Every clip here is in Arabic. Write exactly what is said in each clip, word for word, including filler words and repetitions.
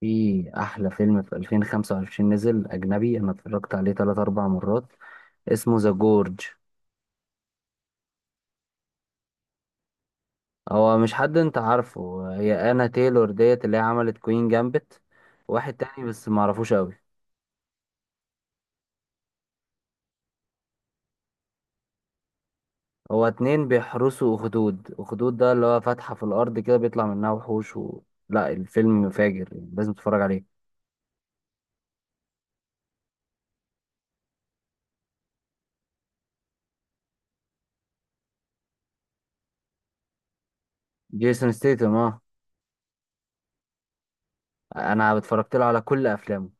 في احلى فيلم في ألفين وخمسة وعشرين نزل اجنبي، انا اتفرجت عليه ثلاثة اربعة مرات. اسمه ذا جورج. هو مش حد انت عارفه، هي انا تايلور ديت اللي هي عملت كوين جامبت. واحد تاني بس ما اعرفوش قوي. هو اتنين بيحرسوا اخدود اخدود ده اللي هو فتحة في الارض كده بيطلع منها وحوش و... لا، الفيلم فاجر. لازم تتفرج عليه. جيسون ستيتم اه، انا اتفرجت له على كل افلامه.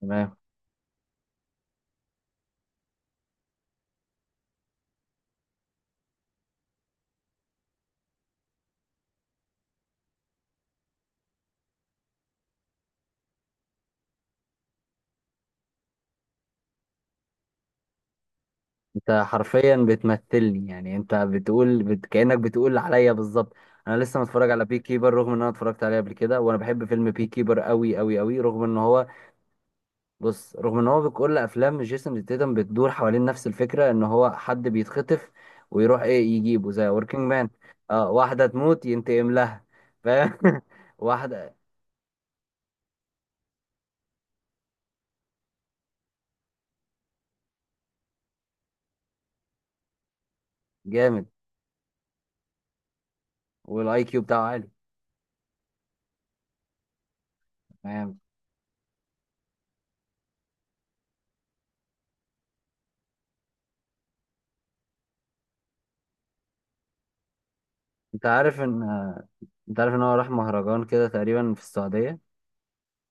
تمام. انت حرفيا بتمثلني، يعني انت بتقول بت... كأنك بتقول عليا بالظبط. انا لسه متفرج على بي كيبر رغم ان انا اتفرجت عليه قبل كده، وانا بحب فيلم بي كيبر قوي قوي قوي رغم ان هو... بص، رغم ان هو كل افلام جيسون ستيتم بتدور حوالين نفس الفكره، ان هو حد بيتخطف ويروح ايه يجيبه زي وركينج مان. اه، واحده تموت ينتقم لها. فاهم. واحده. جامد. والاي كيو بتاعه عالي. فاهم. انت عارف ان انت عارف ان هو راح مهرجان كده تقريبا في السعوديه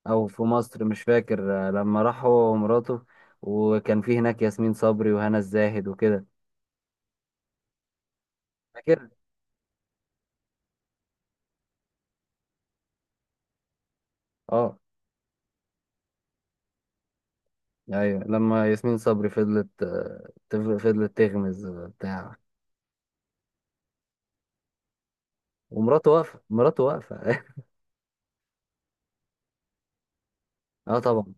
او في مصر، مش فاكر. آه، لما راح هو ومراته، وكان في هناك ياسمين صبري وهنا الزاهد وكده. فاكر. اه، ايوه لما ياسمين صبري فضلت، آه، تف- فضلت تغمز بتاع. ومراته واقفه، مراته واقفه. اه طبعا.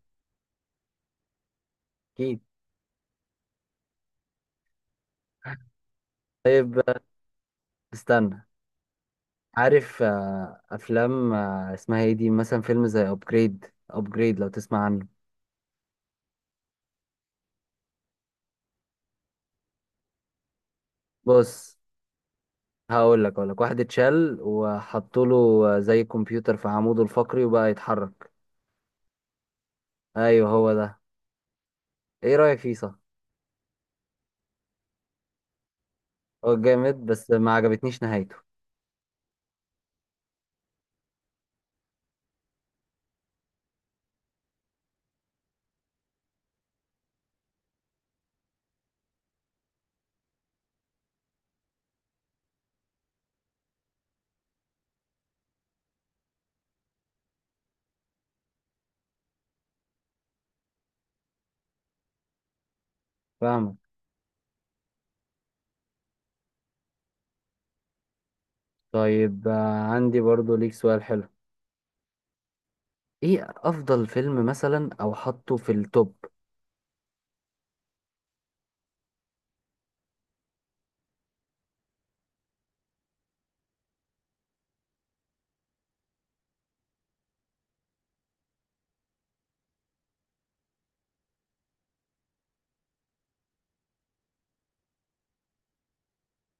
اكيد. طيب، آه، استنى. عارف آه، افلام آه، اسمها ايه دي مثلا؟ فيلم زي ابجريد. ابجريد لو تسمع عنه. بص، هقول لك، اقول لك، واحد اتشال وحطوا له زي كمبيوتر في عموده الفقري وبقى يتحرك. ايوه، هو ده. ايه رأيك فيه؟ صح. هو جامد بس ما عجبتنيش نهايته. فاهمك. طيب آه، عندي برضو ليك سؤال حلو. ايه افضل فيلم مثلا، او حطه في التوب؟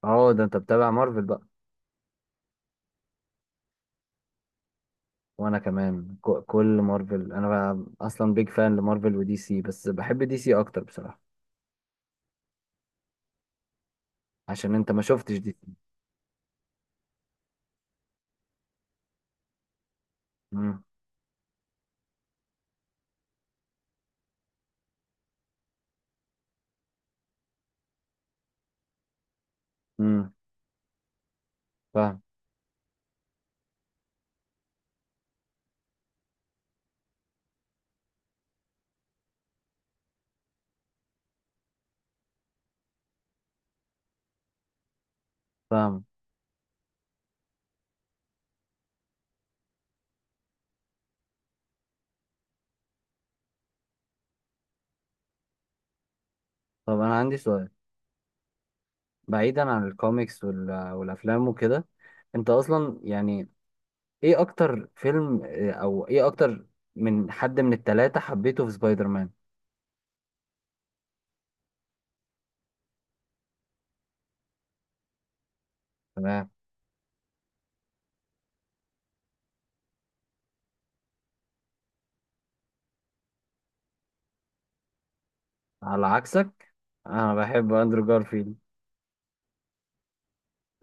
اه، ده انت بتابع مارفل بقى. وانا كمان، ك- كل مارفل، انا ب- اصلا بيج فان لمارفل ودي سي، بس بحب دي سي اكتر بصراحة. عشان انت ما شفتش دي سي. امم. امم. فاهم. فاهم. طب انا عندي سؤال. بعيدا عن الكوميكس وال- والافلام وكده، انت اصلا يعني ايه اكتر فيلم آه، او ايه اكتر، من حد من التلاتة حبيته في سبايدر مان؟ تمام. على عكسك، انا بحب اندرو جارفيلد.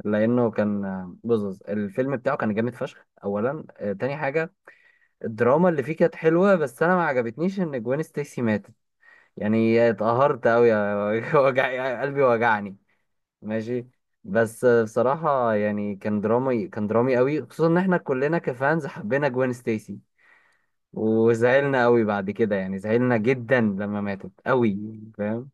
لانه كان آه، بص، الفيلم بتاعه كان جامد فشخ اولا. آه، تاني حاجة، الدراما اللي فيه كانت حلوة، بس انا ما عجبتنيش ان جوين ستيسي ماتت. يعني اتقهرت قوي. وجع قلبي، وجعني. ماشي. بس آه، بصراحة يعني كان درامي، كان درامي قوي، خصوصا ان احنا كلنا كفانز حبينا جوين ستيسي. وزعلنا قوي بعد كده، يعني زعلنا جدا لما ماتت قوي. فاهم.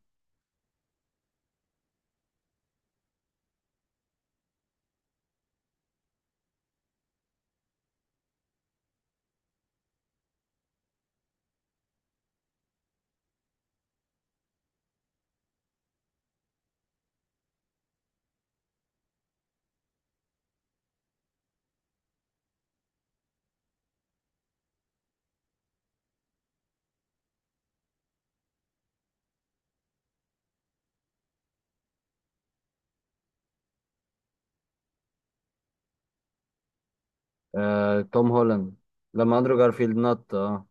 آه توم هولاند. لما اندرو جارفيلد نط اه.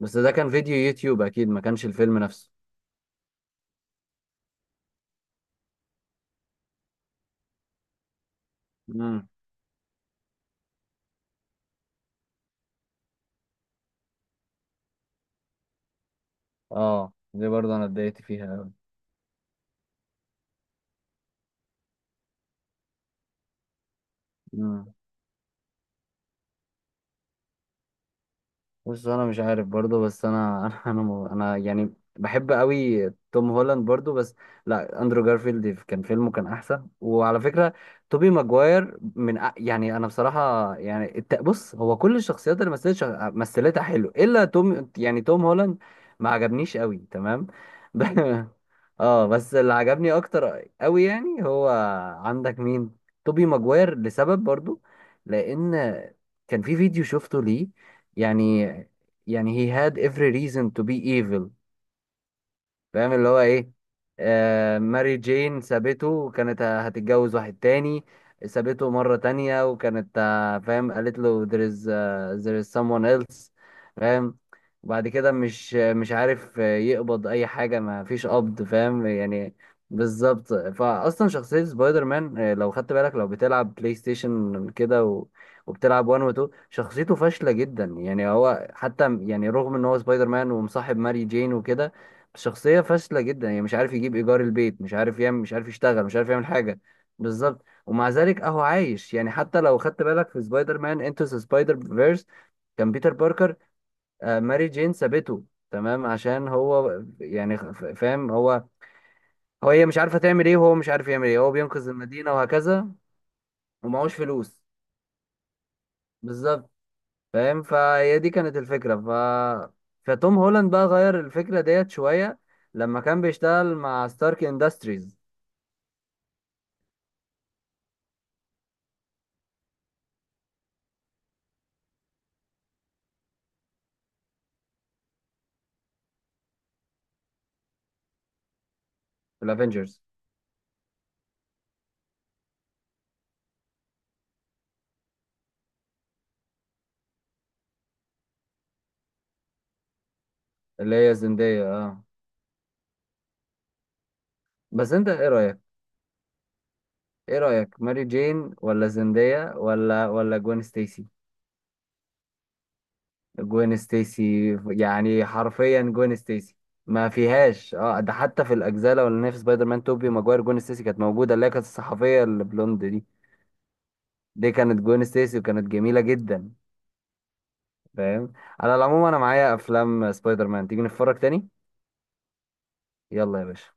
بس ده كان فيديو يوتيوب، اكيد ما كانش الفيلم نفسه. امم. اه، دي برضه انا اتضايقت فيها قوي. بص انا مش عارف برضو، بس انا انا انا م- أنا يعني بحب قوي توم هولاند برضو، بس لا، اندرو جارفيلد كان فيلمه كان احسن. وعلى فكره توبي ماجواير من أ- يعني انا بصراحه يعني الت- بص، هو كل الشخصيات اللي مثلت شخ- مثلتها حلو، الا توم، يعني توم هولاند ما عجبنيش قوي. تمام. ب- اه، بس اللي عجبني اكتر قوي يعني هو، عندك مين؟ توبي ماجواير لسبب برضو. لان كان في فيديو شفته ليه، يعني، يعني he had every reason to be evil. فاهم اللي هو ايه؟ آه، ماري جين سابته، وكانت ه- هتتجوز واحد تاني. سابته مرة تانية، وكانت آه، فاهم، قالت له there is آه, there is someone else. فاهم. وبعد كده مش مش عارف آه، يقبض اي حاجة، ما فيش قبض، فاهم يعني. بالظبط. فاصلا شخصية سبايدر مان، آه، لو خدت بالك، لو بتلعب بلاي ستيشن كده و... وبتلعب واحد و اتنين، شخصيته فاشلة جدا. يعني هو حتى يعني رغم ان هو سبايدر مان ومصاحب ماري جين وكده، شخصية فاشلة جدا. يعني مش عارف يجيب إيجار البيت، مش عارف يعمل، مش عارف يشتغل، مش عارف يعمل حاجة. بالظبط. ومع ذلك أهو عايش. يعني حتى لو خدت بالك في سبايدر مان انتو سبايدر فيرس، كان بيتر باركر، آه، ماري جين سابته. تمام. عشان هو يعني خ- فاهم. هو هو هي مش عارفة تعمل إيه، وهو مش عارف يعمل إيه، هو بينقذ المدينة وهكذا. ومعهوش فلوس. بالظبط. فاهم. فهي دي كانت الفكرة. ف فتوم هولاند بقى غير الفكرة ديت شوية لما كان بيشتغل مع ستارك اندستريز. الافنجرز. اللي هي زندية اه. بس انت ايه رأيك؟ ايه رأيك، ماري جين ولا زندية ولا ولا جوين ستيسي؟ جوين ستيسي. يعني حرفيا جوين ستيسي. ما فيهاش اه، ده حتى في الاجزاء الاولانيه في سبايدر مان توبي ماجواير جوين ستيسي كانت موجوده، اللي هي كانت الصحفيه البلوند دي. دي كانت جوين ستيسي، وكانت جميله جدا. فاهم. على العموم انا معايا افلام سبايدر مان، تيجي نتفرج تاني. يلا يا باشا.